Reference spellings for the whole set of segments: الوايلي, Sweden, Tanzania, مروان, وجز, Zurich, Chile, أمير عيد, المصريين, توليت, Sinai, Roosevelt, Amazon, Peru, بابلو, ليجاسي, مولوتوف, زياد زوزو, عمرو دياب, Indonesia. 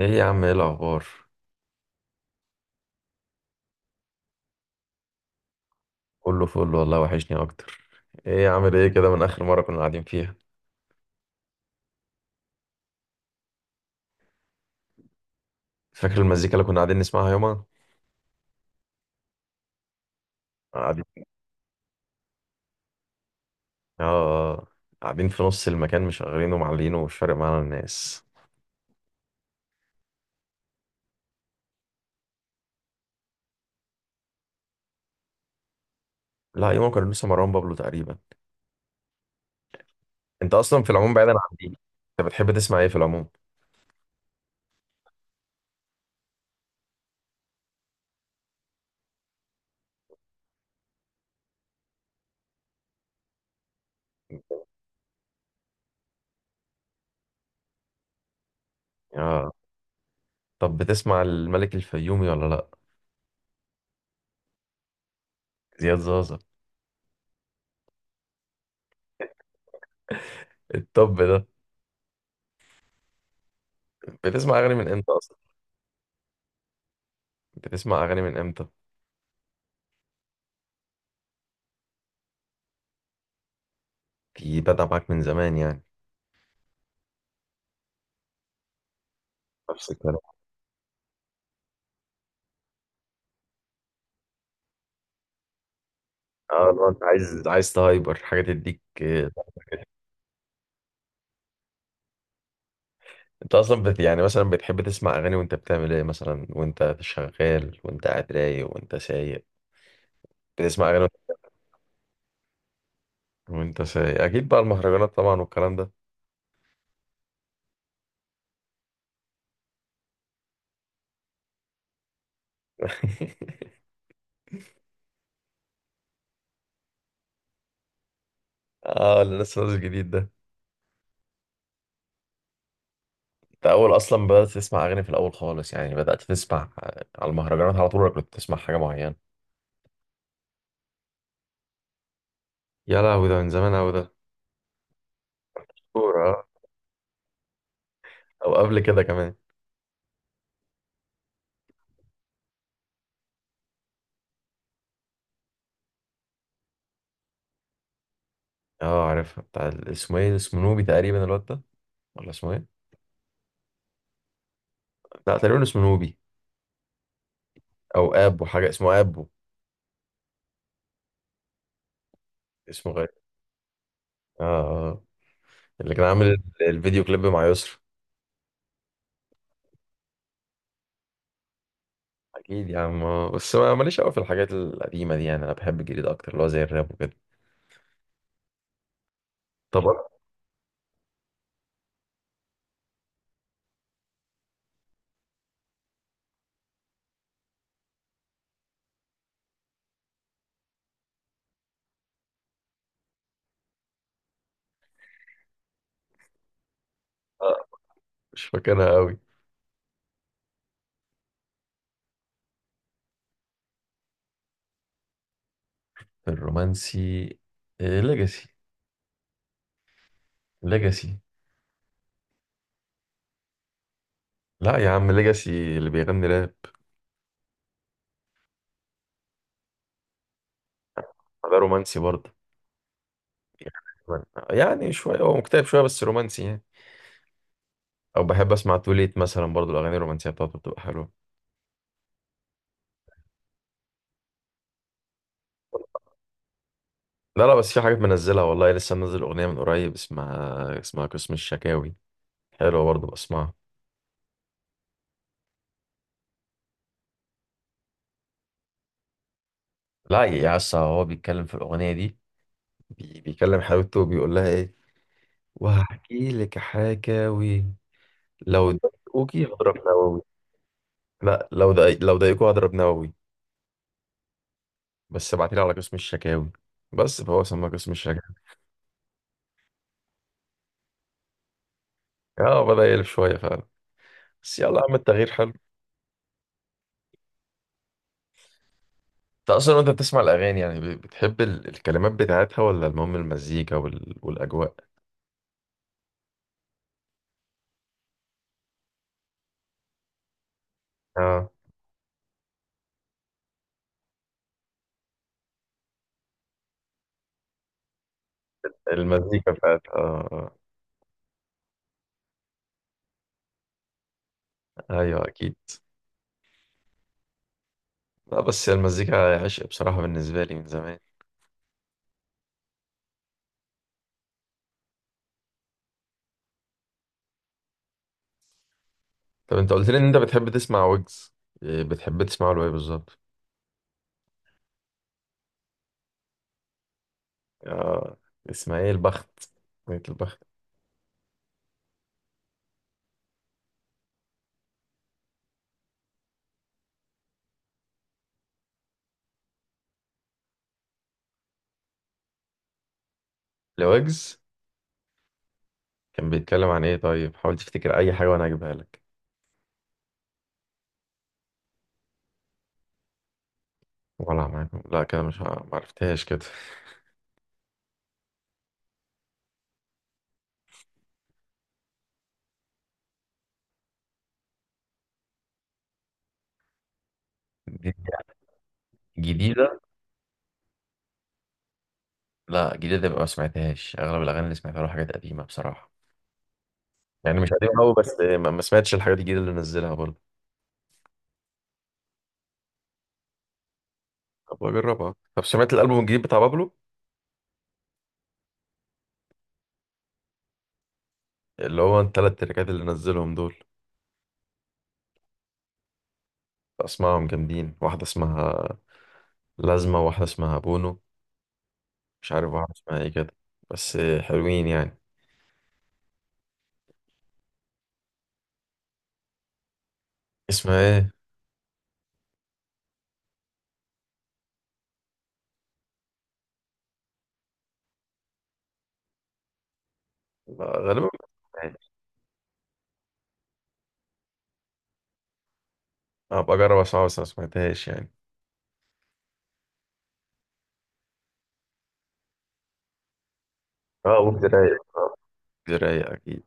ايه يا عم، ايه الاخبار؟ كله فل والله، وحشني اكتر. ايه عامل ايه كده من اخر مره كنا قاعدين فيها؟ فاكر المزيكا اللي كنا قاعدين نسمعها يومها؟ قاعدين. اه، آه. قاعدين في نص المكان مشغلينه ومعلينه ومش فارق معانا الناس. لا، يومها كنا لسه مروان بابلو تقريبا. انت اصلا في العموم بعيدا عن دي، انت بتحب تسمع ايه في العموم؟ اه. طب بتسمع الملك الفيومي ولا لا؟ زياد زازا. إيه الطب ده؟ بتسمع اغاني من امتى اصلا؟ بتسمع اغاني من امتى؟ في بدأ معاك من زمان يعني. نفس الكلام. اه، لو انت عايز تهايبر حاجه تديك انت اصلا بت يعني مثلا بتحب تسمع اغاني وانت بتعمل ايه مثلا، وانت شغال، وانت قاعد رايق، وانت سايق؟ بتسمع اغاني وانت؟ وأنت سايق اكيد بقى المهرجانات طبعا والكلام ده. اه، اللي لسه نازل جديد ده. انت اول اصلا بدات تسمع اغاني في الاول خالص يعني، بدات تسمع على المهرجانات على طول، ولا كنت تسمع حاجه معينه؟ يا لهوي، ده من زمان اوي ده. كورة آه. او قبل كده كمان. اه، عارفها، بتاع اسمه ايه، اسمه نوبي تقريبا الواد ده، ولا اسمه ايه؟ لا، تقريبا اسمه نوبي. او ابو حاجه، اسمه ابو. اسمه غير. اه، آه. آه. اللي كان عامل الفيديو كليب مع يسرا. اكيد يا عم، آه. بس ما ماليش قوي في الحاجات القديمه دي، يعني انا بحب الجديد اكتر، اللي هو زي الراب وكده. طب أنا- آه. مش فاكرها قوي. الرومانسي. ليجاسي. ليجاسي. لا يا عم، ليجاسي اللي بيغني راب. ده رومانسي برضه. يعني يعني شويه هو مكتئب شويه، بس رومانسي يعني. او بحب اسمع توليت مثلا برضه، الاغاني الرومانسيه بتاعته بتبقى حلوه. لا لا، بس في حاجات منزلها والله، لسه منزل أغنية من قريب اسمها قسم الشكاوي. حلوة برضه بسمعها. لا يا اسطى، هو بيتكلم في الأغنية دي. بيكلم حبيبته وبيقول لها إيه؟ وهحكي لك حكاوي، لو ضايقوكي هضرب نووي. لا، لو ضايقوكوا هضرب نووي، بس ابعتيلي على قسم الشكاوي. بس فهو سماه قسم الشكاوي. اه، بدأ يقلب شوية فعلا، بس يلا يا عم، التغيير حلو. انت اصلا وانت بتسمع الاغاني يعني، بتحب الكلمات بتاعتها، ولا المهم المزيكا والاجواء؟ اه، المزيكا بتاعت اه ايوه اكيد. لا، بس هي المزيكا عشق بصراحه بالنسبه لي من زمان. طب انت قلت لي ان انت بتحب تسمع ويجز، إيه بتحب تسمعه له ايه بالظبط؟ آه، اسمها ايه؟ البخت. اغنيه البخت. لويجز، كان بيتكلم عن ايه طيب؟ حاول تفتكر اي حاجه وانا اجيبها لك. ولا معاكم؟ لا كده مش معرفتهاش كده. دي جديده؟ لا، جديده يبقى ما سمعتهاش. اغلب الاغاني اللي سمعتها له حاجات قديمه بصراحه، يعني مش قديمه قوي، بس ما سمعتش الحاجات الجديده اللي نزلها برضه. طب اجربها. طب سمعت الالبوم الجديد بتاع بابلو؟ اللي هو التلات تراكات اللي نزلهم دول. اسمائهم جامدين، واحدة اسمها لازمة، واحدة اسمها بونو، مش عارف واحدة اسمها ايه كده، بس حلوين يعني. اسمها ايه؟ لا، غالبا. ابقى اجرب اسمعها، بس ما سمعتهاش يعني. اه، وجز رايق، وجز رايق اكيد.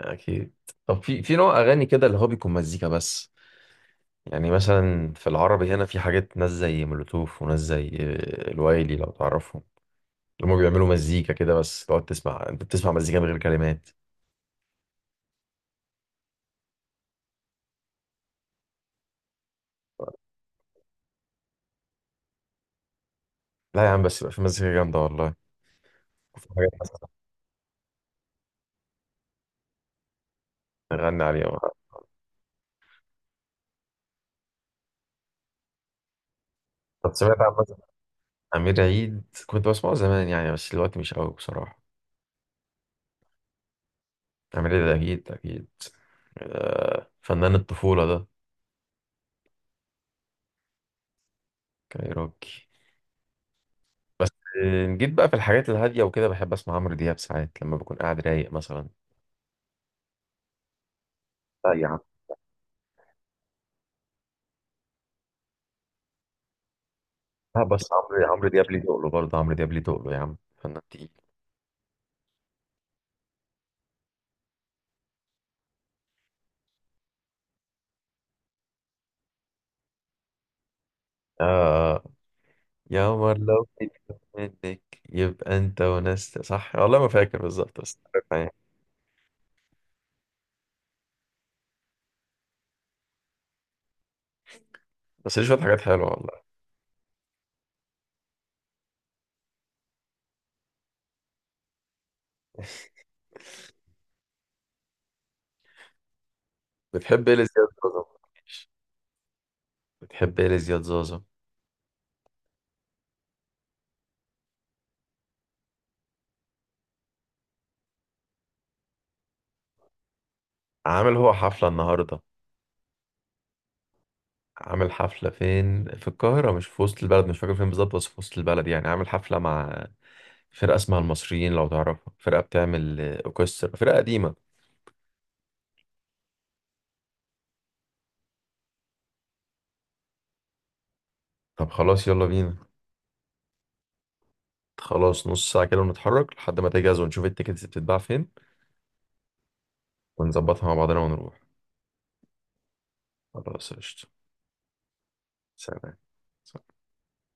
اكيد طب في نوع اغاني كده اللي هو بيكون مزيكا بس؟ يعني مثلا في العربي هنا في حاجات، ناس زي مولوتوف وناس زي الوايلي لو تعرفهم، اللي هم بيعملوا مزيكا كده، بس تقعد تسمع، انت بتسمع مزيكا من غير كلمات؟ لا يا عم، بس يبقى في مزيكا جامدة والله. وفي حاجات مثلا نغني عليها. طب سمعت عن مثلا أمير عيد؟ كنت بسمعه زمان يعني، بس دلوقتي مش قوي بصراحة. أمير عيد أكيد أكيد. فنان الطفولة ده. كايروكي. بس جيت بقى في الحاجات الهادية وكده، بحب أسمع عمرو دياب ساعات لما بكون قاعد رايق مثلا. لا يا عم، لا، بس عمرو دياب ليه تقله برضه؟ عمرو دياب ليه تقله يا عم؟ فنان تقيل. آه، يا عمر لو كده منك، يبقى أنت وناس صح، والله ما فاكر بالظبط بس. بس ليه شوية حاجات حلوة والله. بتحب ايه لزياد زوزو؟ بتحب ايه لزياد زوزو؟ عامل هو حفلة النهاردة. عامل حفلة فين؟ في القاهرة، مش في وسط البلد، مش فاكر فين بالظبط، بس في وسط البلد يعني. عامل حفلة مع فرقة اسمها المصريين لو تعرفها، فرقة بتعمل أوركسترا، فرقة قديمة. طب خلاص، يلا بينا. خلاص، نص ساعة كده ونتحرك لحد ما تجهز، ونشوف التيكتس بتتباع فين، ونظبطها مع بعضنا ونروح. خلاص قشطة. سلام.